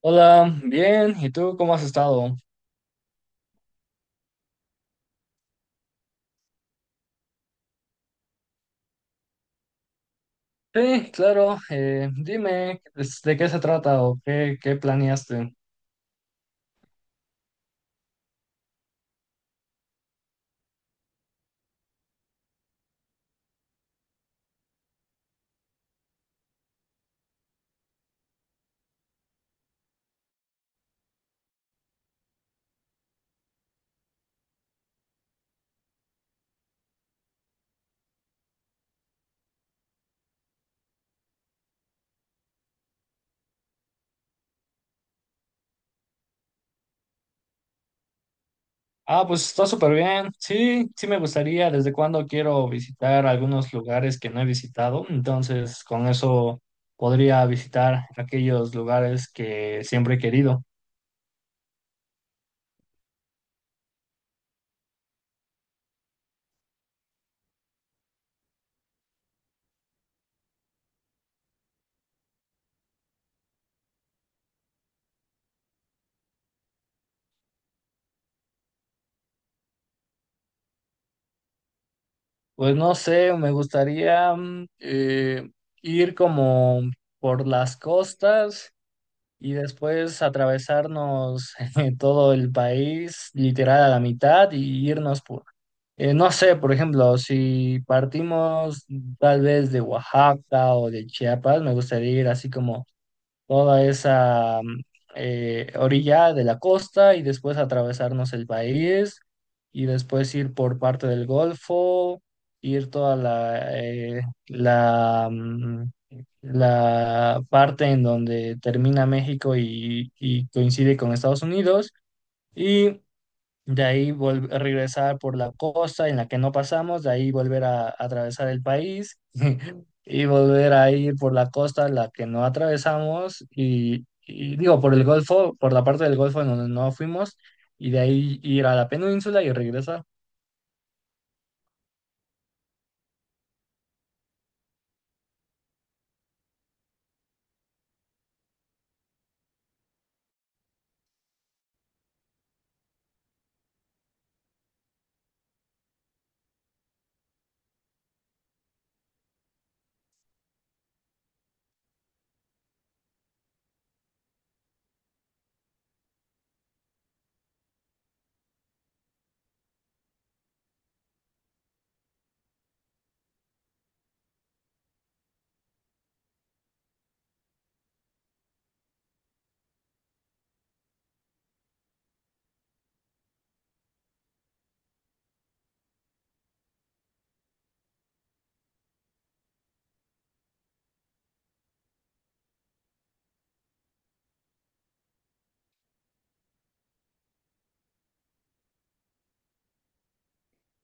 Hola, bien, ¿y tú cómo has estado? Sí, claro, dime pues, de qué se trata o qué planeaste. Ah, pues está súper bien, sí, sí me gustaría, desde cuándo quiero visitar algunos lugares que no he visitado, entonces con eso podría visitar aquellos lugares que siempre he querido. Pues no sé, me gustaría ir como por las costas. Y después atravesarnos todo el país, literal a la mitad, y irnos no sé, por ejemplo, si partimos tal vez de Oaxaca o de Chiapas, me gustaría ir así como toda esa orilla de la costa y después atravesarnos el país y después ir por parte del Golfo, ir toda la parte en donde termina México y coincide con Estados Unidos. Y de ahí regresar por la costa en la que no pasamos, de ahí volver a atravesar el país y volver a ir por la costa en la que no atravesamos y digo, por el Golfo, por la parte del Golfo en donde no fuimos y de ahí ir a la península y regresar.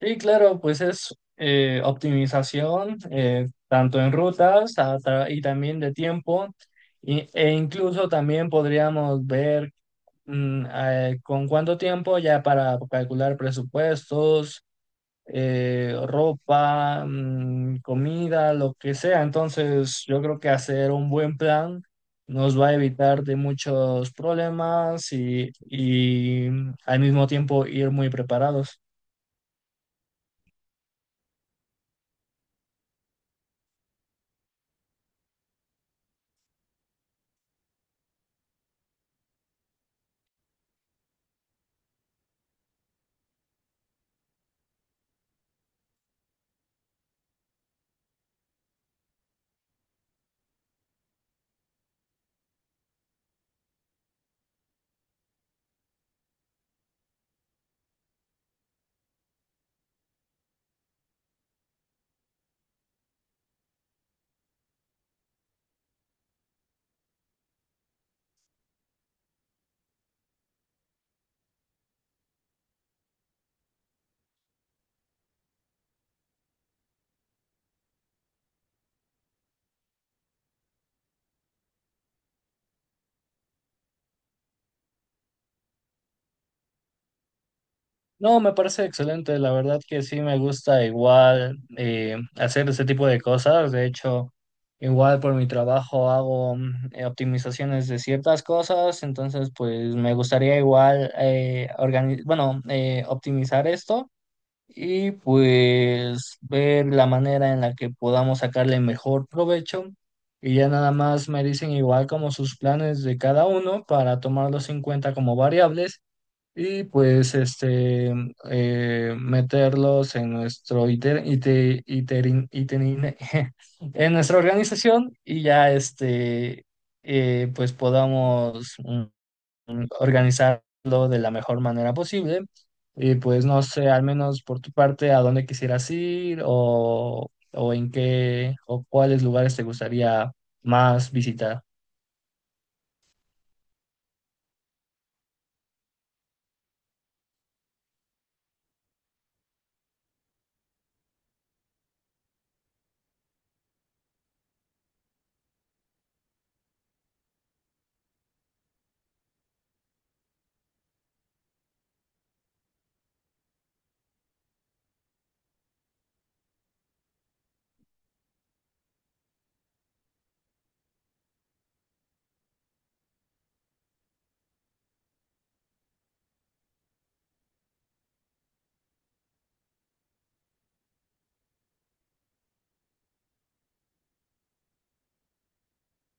Y claro, pues es optimización tanto en rutas y también de tiempo. E incluso también podríamos ver ¿con cuánto tiempo ya para calcular presupuestos, ropa, comida, lo que sea? Entonces, yo creo que hacer un buen plan nos va a evitar de muchos problemas y al mismo tiempo ir muy preparados. No, me parece excelente, la verdad que sí me gusta igual hacer ese tipo de cosas, de hecho, igual por mi trabajo hago optimizaciones de ciertas cosas, entonces pues me gustaría igual optimizar esto y pues ver la manera en la que podamos sacarle mejor provecho y ya nada más me dicen igual como sus planes de cada uno para tomarlos en cuenta como variables y pues este meterlos en nuestro en nuestra organización y ya este pues podamos organizarlo de la mejor manera posible y pues no sé al menos por tu parte a dónde quisieras ir o en qué o cuáles lugares te gustaría más visitar.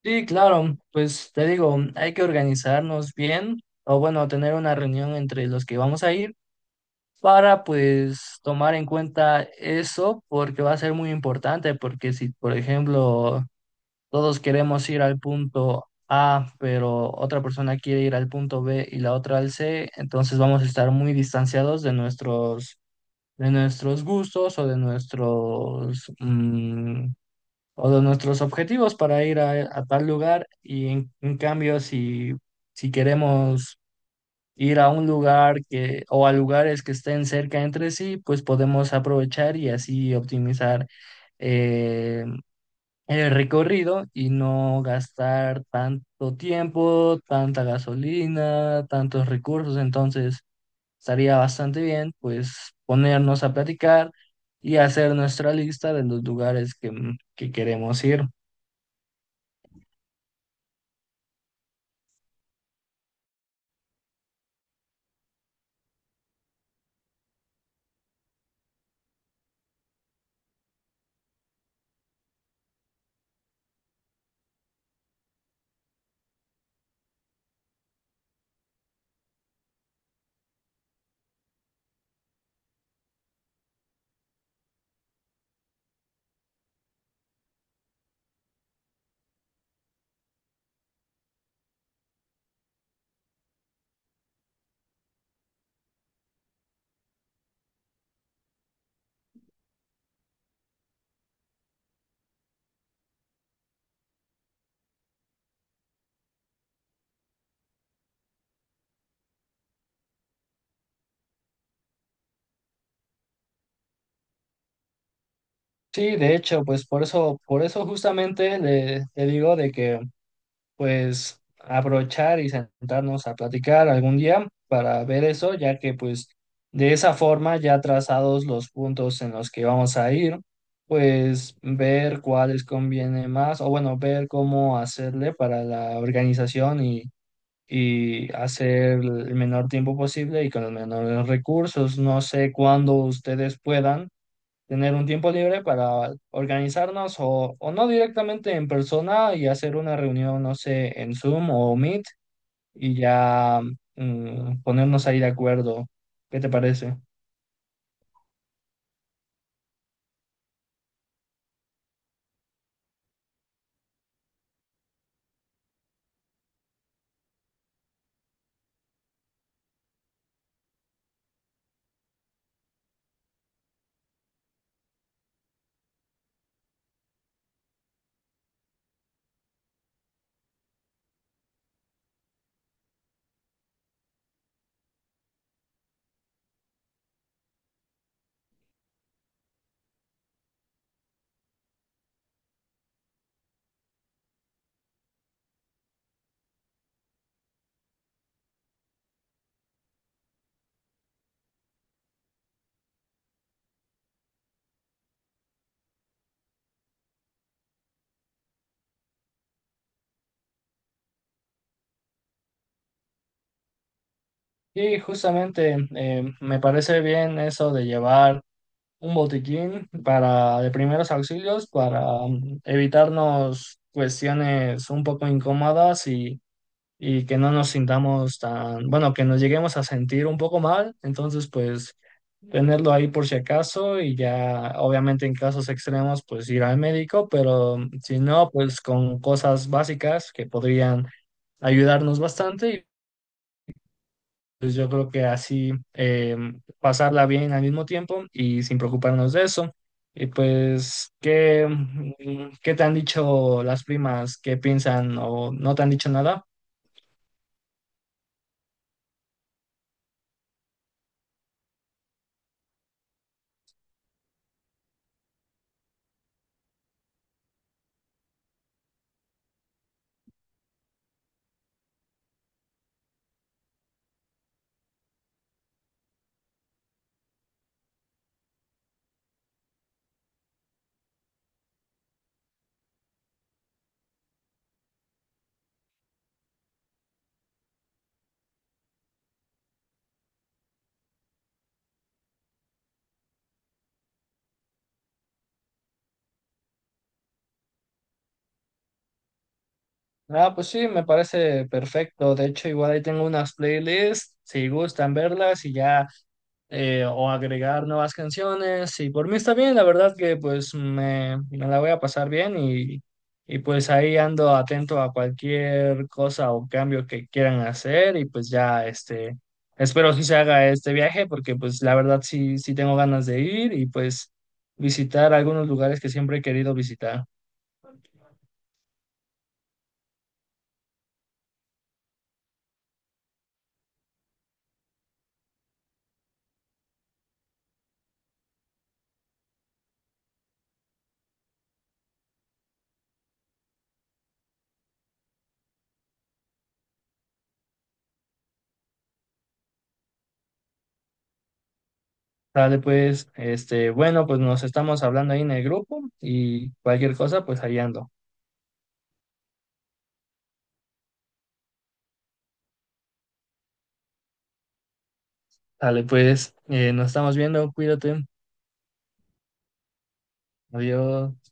Sí, claro, pues te digo, hay que organizarnos bien o bueno, tener una reunión entre los que vamos a ir para pues tomar en cuenta eso porque va a ser muy importante porque si, por ejemplo, todos queremos ir al punto A, pero otra persona quiere ir al punto B y la otra al C, entonces vamos a estar muy distanciados de nuestros gustos o de nuestros o de nuestros objetivos para ir a tal lugar y en cambio si, si queremos ir a un lugar que o a lugares que estén cerca entre sí, pues podemos aprovechar y así optimizar eh, el recorrido y no gastar tanto tiempo, tanta gasolina, tantos recursos. Entonces, estaría bastante bien, pues, ponernos a platicar y hacer nuestra lista de los lugares que queremos ir. Sí, de hecho, pues por eso justamente le digo de que pues aprovechar y sentarnos a platicar algún día para ver eso, ya que pues de esa forma ya trazados los puntos en los que vamos a ir, pues ver cuáles conviene más o bueno, ver cómo hacerle para la organización y hacer el menor tiempo posible y con los menores recursos. No sé cuándo ustedes puedan tener un tiempo libre para organizarnos o no directamente en persona y hacer una reunión, no sé, en Zoom o Meet y ya ponernos ahí de acuerdo. ¿Qué te parece? Y justamente me parece bien eso de llevar un botiquín para de primeros auxilios para evitarnos cuestiones un poco incómodas y que no nos sintamos tan, bueno, que nos lleguemos a sentir un poco mal, entonces pues tenerlo ahí por si acaso y ya obviamente en casos extremos pues ir al médico, pero si no pues con cosas básicas que podrían ayudarnos bastante y pues yo creo que así pasarla bien al mismo tiempo y sin preocuparnos de eso. Y pues, ¿ qué te han dicho las primas? ¿Qué piensan o no te han dicho nada? Ah, pues sí, me parece perfecto. De hecho, igual ahí tengo unas playlists, si gustan verlas y ya, o agregar nuevas canciones. Y por mí está bien, la verdad que pues me la voy a pasar bien y pues ahí ando atento a cualquier cosa o cambio que quieran hacer y pues ya, este, espero que se haga este viaje porque pues la verdad sí, sí tengo ganas de ir y pues visitar algunos lugares que siempre he querido visitar. Dale, pues, este, bueno, pues nos estamos hablando ahí en el grupo y cualquier cosa, pues ahí ando. Dale, pues, nos estamos viendo, cuídate, adiós.